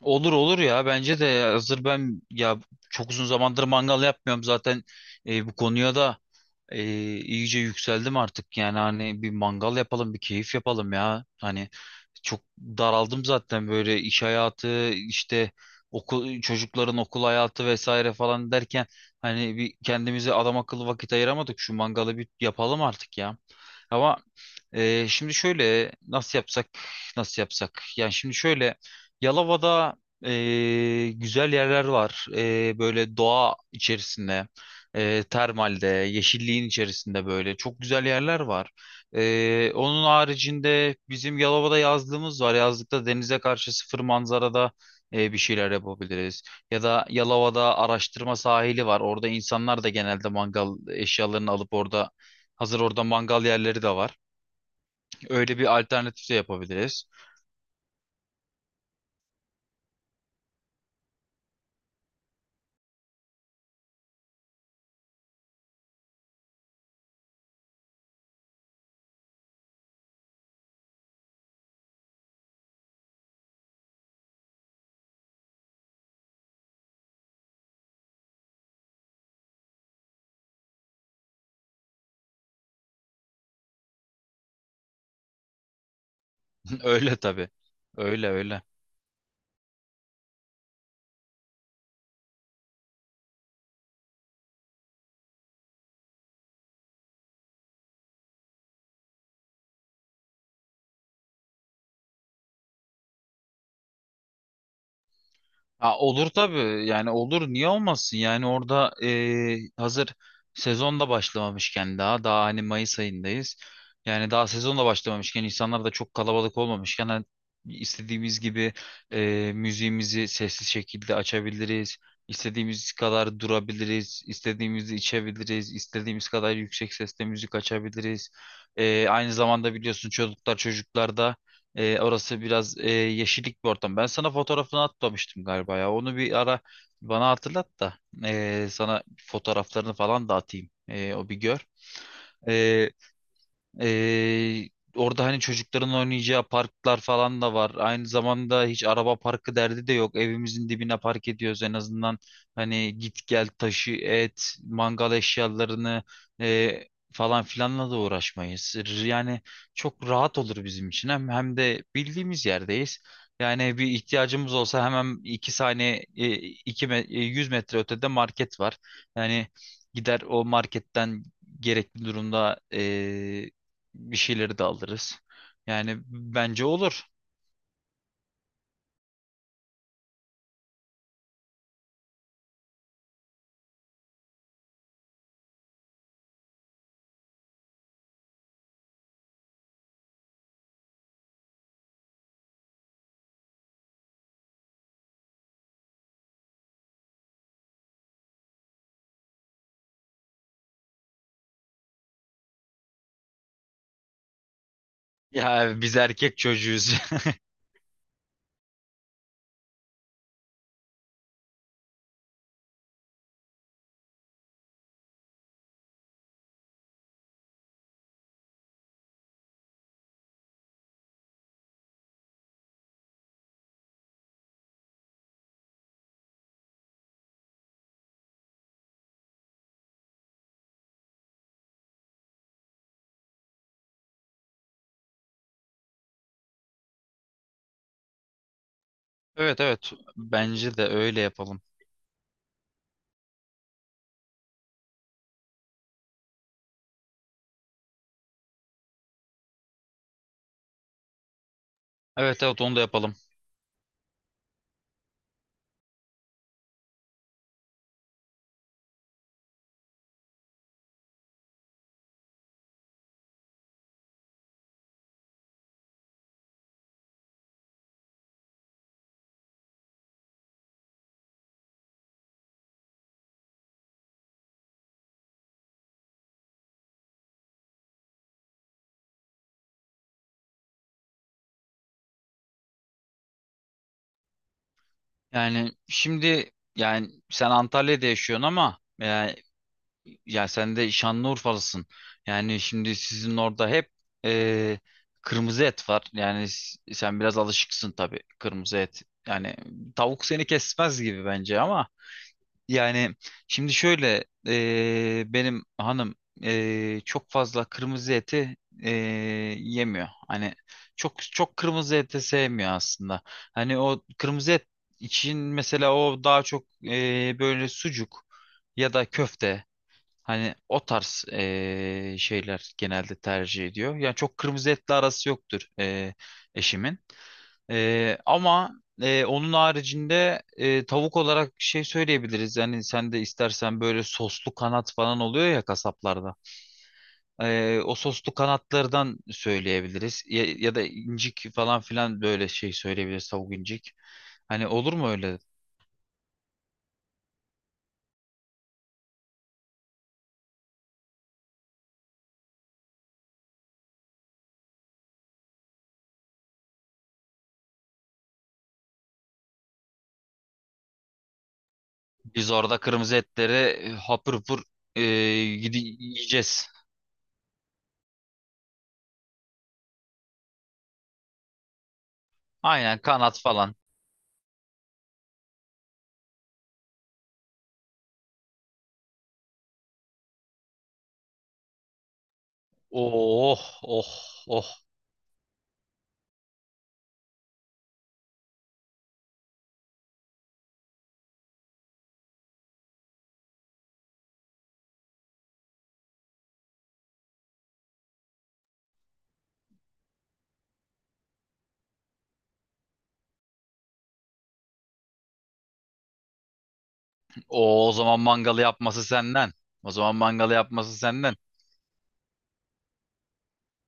Olur olur ya, bence de hazır ben ya, çok uzun zamandır mangal yapmıyorum zaten. Bu konuya da e, iyice yükseldim artık, yani hani bir mangal yapalım, bir keyif yapalım ya. Hani çok daraldım zaten, böyle iş hayatı işte, çocukların okul hayatı vesaire falan derken, hani bir kendimize adam akıllı vakit ayıramadık, şu mangalı bir yapalım artık ya. Ama şimdi şöyle nasıl yapsak, yani şimdi şöyle, Yalova'da güzel yerler var, böyle doğa içerisinde, termalde yeşilliğin içerisinde böyle çok güzel yerler var. Onun haricinde bizim Yalova'da yazlığımız var. Yazlıkta denize karşı sıfır manzarada bir şeyler yapabiliriz. Ya da Yalova'da araştırma sahili var. Orada insanlar da genelde mangal eşyalarını alıp orada, hazır orada mangal yerleri de var. Öyle bir alternatif de yapabiliriz. Öyle tabii. Öyle öyle. Ha, olur tabii yani, olur niye olmasın yani, orada hazır sezon da başlamamışken, daha hani Mayıs ayındayız, yani daha sezon da başlamamışken, insanlar da çok kalabalık olmamışken, hani istediğimiz gibi müziğimizi sessiz şekilde açabiliriz, istediğimiz kadar durabiliriz, istediğimizi içebiliriz, istediğimiz kadar yüksek sesle müzik açabiliriz. Aynı zamanda biliyorsun çocuklarda orası biraz yeşillik bir ortam. Ben sana fotoğrafını atmamıştım galiba ya. Onu bir ara bana hatırlat da sana fotoğraflarını falan da atayım. O bir gör. Ee, Orada hani çocukların oynayacağı parklar falan da var. Aynı zamanda hiç araba parkı derdi de yok. Evimizin dibine park ediyoruz en azından. Hani git gel taşı et, mangal eşyalarını e, falan filanla da uğraşmayız. Yani çok rahat olur bizim için. Hem de bildiğimiz yerdeyiz. Yani bir ihtiyacımız olsa hemen 2 saniye, 100 metre ötede market var. Yani gider o marketten gerekli durumda bir şeyleri de alırız. Yani bence olur. Ya biz erkek çocuğuyuz. Evet evet, bence de öyle yapalım. Evet evet, onu da yapalım. Yani şimdi, yani sen Antalya'da yaşıyorsun ama yani, ya sen de Şanlıurfalısın. Yani şimdi sizin orada hep e, kırmızı et var. Yani sen biraz alışıksın tabii kırmızı et. Yani tavuk seni kesmez gibi bence ama. Yani şimdi şöyle benim hanım çok fazla kırmızı eti eee, yemiyor. Hani çok çok kırmızı eti sevmiyor aslında. Hani o kırmızı et için mesela, o daha çok böyle sucuk ya da köfte, hani o tarz şeyler genelde tercih ediyor. Yani çok kırmızı etle arası yoktur eşimin. Ama onun haricinde tavuk olarak şey söyleyebiliriz. Yani sen de istersen böyle soslu kanat falan oluyor ya kasaplarda. O soslu kanatlardan söyleyebiliriz. Ya da incik falan filan böyle şey söyleyebiliriz, tavuk incik. Hani olur mu öyle? Biz orada kırmızı etleri hapır hapır e, yiyeceğiz. Aynen kanat falan. Oh oh oh. O zaman mangalı yapması senden. O zaman mangalı yapması senden.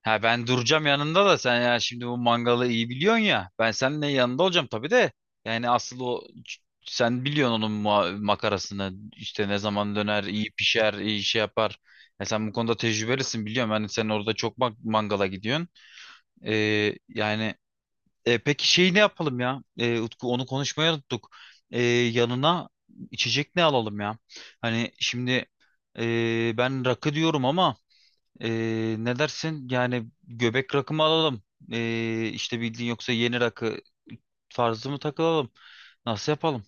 Ha, ben duracağım yanında da sen ya, şimdi bu mangalı iyi biliyorsun ya. Ben seninle yanında olacağım tabii de. Yani asıl sen biliyorsun onun makarasını. İşte ne zaman döner, iyi pişer, iyi şey yapar. Ya sen bu konuda tecrübelisin, biliyorum. Yani sen orada çok mangala gidiyorsun. Yani peki şey ne yapalım ya? Utku onu konuşmayı unuttuk. Yanına içecek ne alalım ya? Hani şimdi ben rakı diyorum ama ne dersin? Yani göbek rakı mı alalım? İşte bildiğin yoksa yeni rakı tarzı mı takılalım? Nasıl yapalım?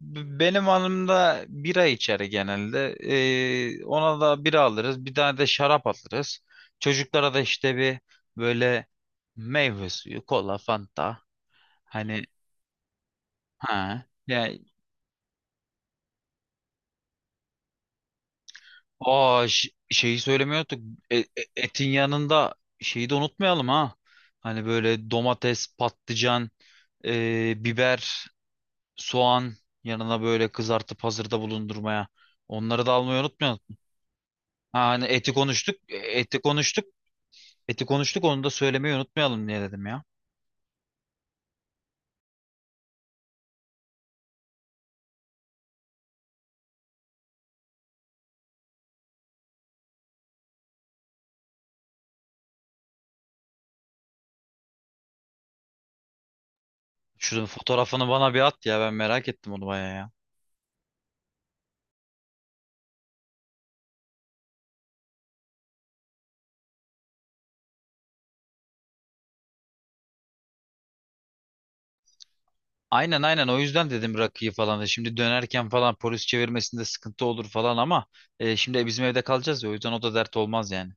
Benim hanım da bira içer genelde. Ona da bira alırız. Bir tane de şarap alırız. Çocuklara da işte bir böyle meyve suyu, kola, fanta. Hani, ha, yani, Aa, şeyi söylemiyorduk. E- e- Etin yanında şeyi de unutmayalım ha. Hani böyle domates, patlıcan, biber, soğan yanına böyle kızartıp hazırda bulundurmaya. Onları da almayı unutmayalım. Ha, hani eti konuştuk, onu da söylemeyi unutmayalım diye dedim ya. Şunun fotoğrafını bana bir at ya, ben merak ettim onu bayağı ya. Aynen aynen o yüzden dedim rakıyı falan. Şimdi dönerken falan polis çevirmesinde sıkıntı olur falan ama şimdi bizim evde kalacağız ya, o yüzden o da dert olmaz yani.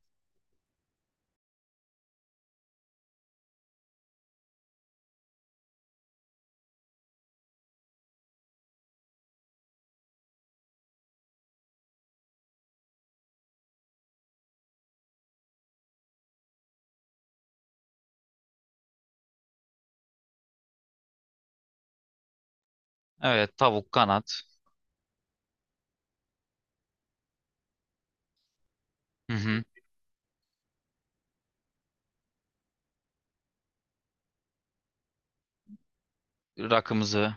Evet tavuk kanat. Hı hı. Rakımızı.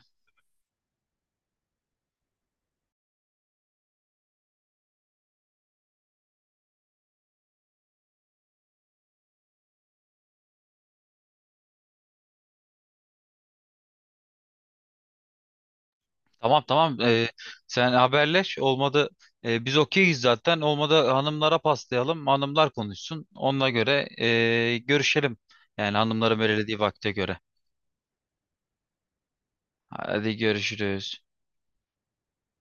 Tamam tamam, sen haberleş, olmadı biz okeyiz zaten, olmadı hanımlara paslayalım, hanımlar konuşsun onunla göre görüşelim. Yani hanımların belirlediği vakte göre. Hadi görüşürüz.